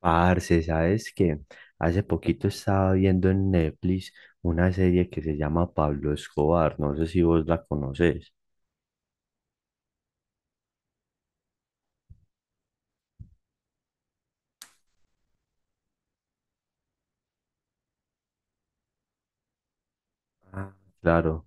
Parce, ¿sabes qué? Hace poquito estaba viendo en Netflix una serie que se llama Pablo Escobar, no sé si vos la conoces. Ah. Claro.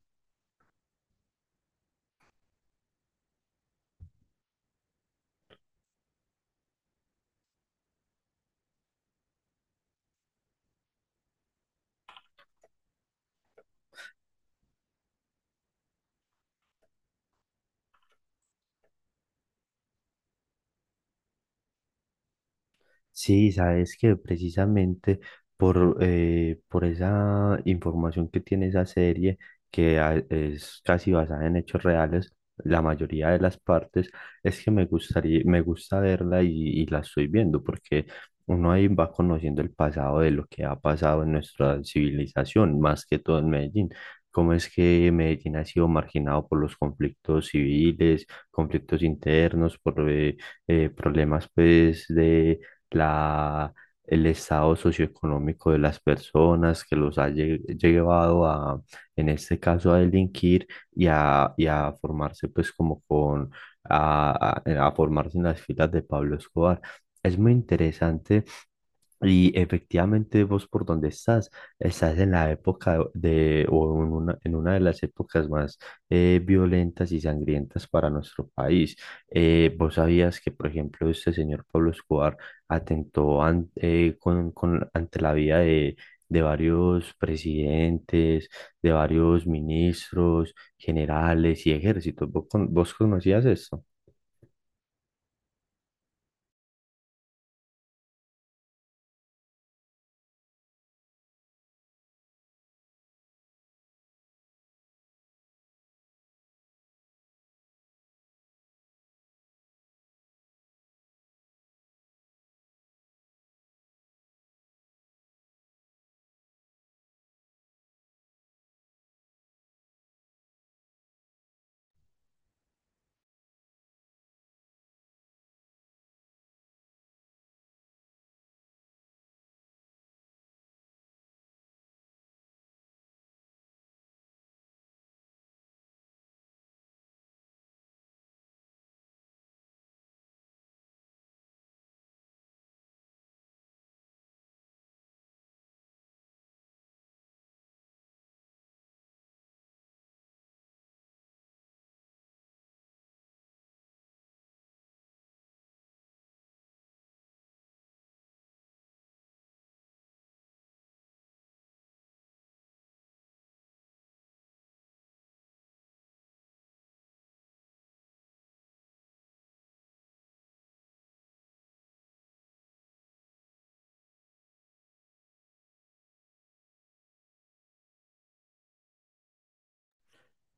Sí, sabes que precisamente por esa información que tiene esa serie, que es casi basada en hechos reales, la mayoría de las partes, es que me gustaría, me gusta verla y la estoy viendo, porque uno ahí va conociendo el pasado de lo que ha pasado en nuestra civilización, más que todo en Medellín. Cómo es que Medellín ha sido marginado por los conflictos civiles, conflictos internos, por problemas pues de la, el estado socioeconómico de las personas que los ha llevado a, en este caso, a delinquir y a formarse pues como con, a, a formarse en las filas de Pablo Escobar. Es muy interesante y efectivamente vos por donde estás, estás en la época de, o en una de las épocas más violentas y sangrientas para nuestro país. Vos sabías que, por ejemplo, este señor Pablo Escobar atentó con, ante la vida de varios presidentes, de varios ministros, generales y ejércitos. ¿Vos, vos conocías esto?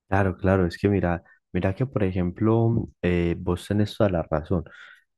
Claro, claro, es que mira, mira que por ejemplo, vos tenés toda la razón.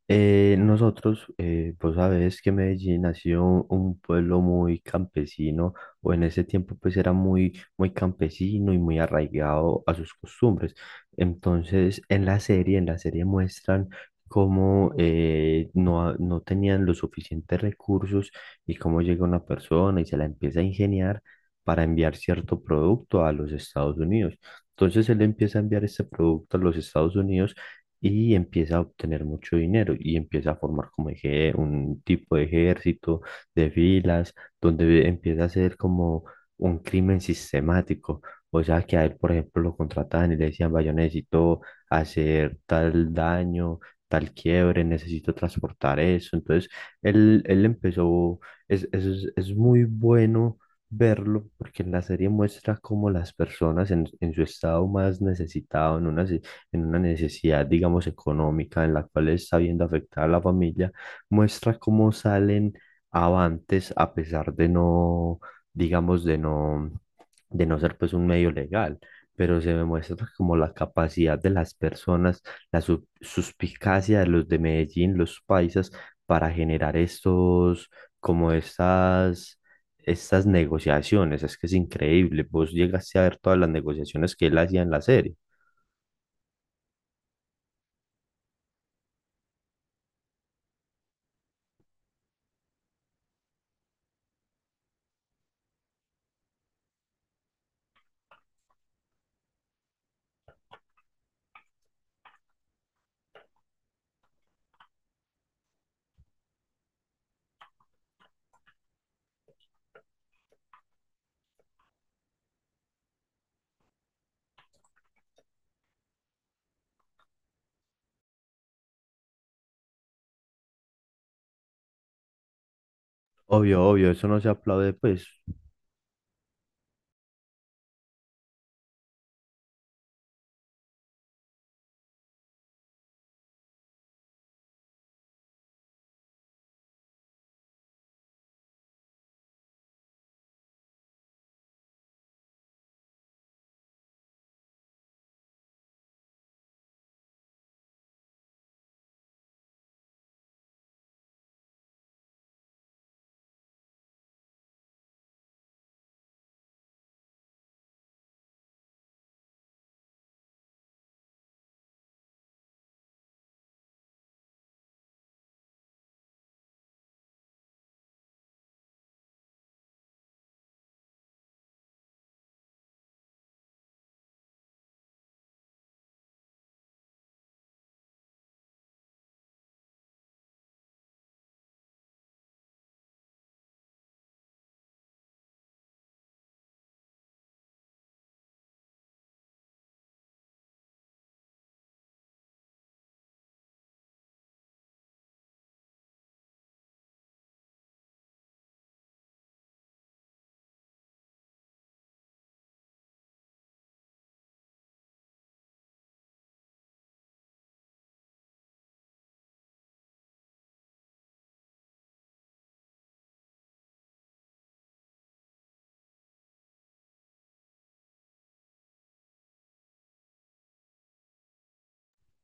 Nosotros, vos sabés que Medellín ha sido un pueblo muy campesino, o en ese tiempo pues era muy, muy campesino y muy arraigado a sus costumbres. Entonces, en la serie muestran cómo no, no tenían los suficientes recursos y cómo llega una persona y se la empieza a ingeniar para enviar cierto producto a los Estados Unidos. Entonces él empieza a enviar este producto a los Estados Unidos y empieza a obtener mucho dinero y empieza a formar como un tipo de ejército, de filas, donde empieza a ser como un crimen sistemático. O sea, que a él, por ejemplo, lo contrataban y le decían, vaya, necesito hacer tal daño, tal quiebre, necesito transportar eso. Entonces, él empezó, es muy bueno verlo, porque en la serie muestra cómo las personas en su estado más necesitado, en una, en una necesidad, digamos, económica, en la cual está viendo afectada a la familia, muestra cómo salen avantes a pesar de no, digamos, de no ser pues un medio legal. Pero se me muestra como la capacidad de las personas, la suspicacia de los de Medellín, los paisas, para generar estos, como estas estas negociaciones, es que es increíble, vos llegaste a ver todas las negociaciones que él hacía en la serie. Obvio, obvio, eso no se aplaude, pues.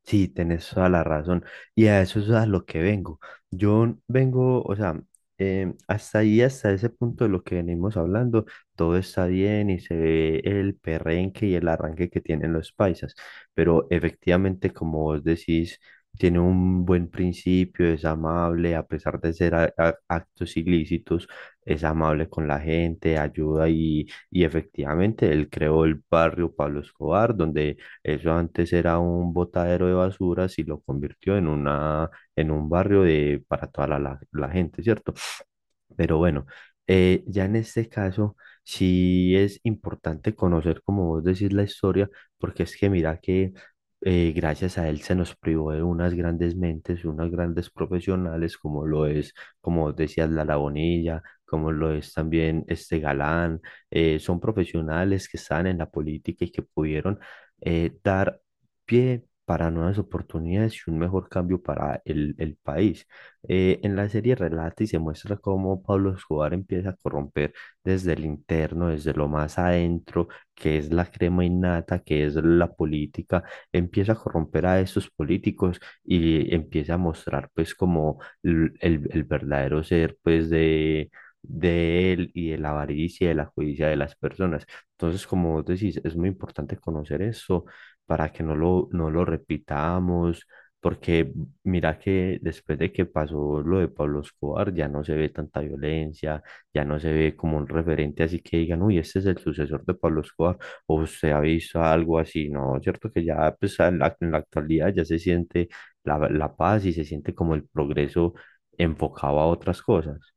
Sí, tenés toda la razón. Y a eso es a lo que vengo. Yo vengo, o sea, hasta ahí, hasta ese punto de lo que venimos hablando, todo está bien y se ve el perrenque y el arranque que tienen los paisas. Pero efectivamente, como vos decís, tiene un buen principio, es amable, a pesar de ser actos ilícitos, es amable con la gente, ayuda y efectivamente él creó el barrio Pablo Escobar, donde eso antes era un botadero de basuras y lo convirtió en una, en un barrio de, para toda la, la gente, ¿cierto? Pero bueno, ya en este caso sí es importante conocer, como vos decís, la historia, porque es que mira que gracias a él se nos privó de unas grandes mentes, unas grandes profesionales, como lo es, como vos decías, Lara Bonilla, como lo es también este Galán. Eh, son profesionales que están en la política y que pudieron dar pie para nuevas oportunidades y un mejor cambio para el país. En la serie relata y se muestra cómo Pablo Escobar empieza a corromper desde el interno, desde lo más adentro, que es la crema innata, que es la política, empieza a corromper a esos políticos y empieza a mostrar pues como el verdadero ser pues de él y de la avaricia, y de la codicia de las personas. Entonces, como vos decís, es muy importante conocer eso para que no lo, no lo repitamos porque mira que después de que pasó lo de Pablo Escobar, ya no se ve tanta violencia, ya no se ve como un referente así que digan, uy, este es el sucesor de Pablo Escobar, o se ha visto algo así, ¿no? Cierto que ya pues, en la actualidad ya se siente la, la paz y se siente como el progreso enfocado a otras cosas.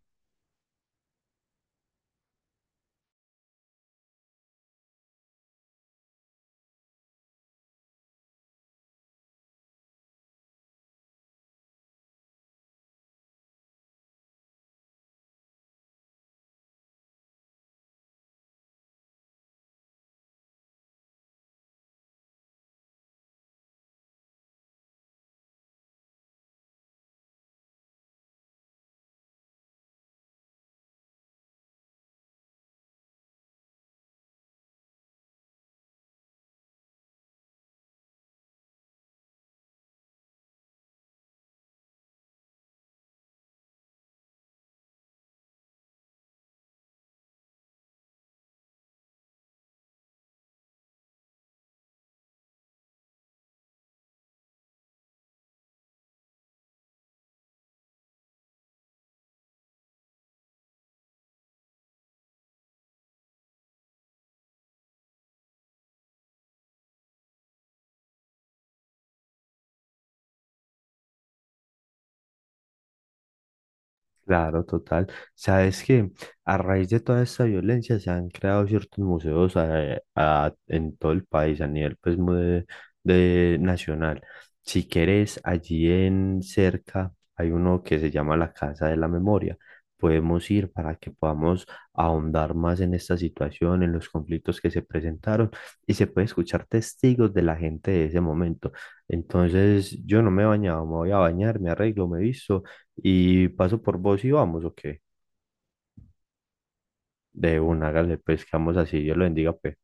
Claro, total. Sabes que a raíz de toda esta violencia se han creado ciertos museos en todo el país, a nivel pues, de nacional. Si quieres, allí en cerca hay uno que se llama la Casa de la Memoria. Podemos ir para que podamos ahondar más en esta situación, en los conflictos que se presentaron y se puede escuchar testigos de la gente de ese momento. Entonces, yo no me he bañado, me voy a bañar, me arreglo, me visto y paso por vos y vamos, ¿o qué? De una, hágale, pues, quedamos así, Dios lo bendiga, pues.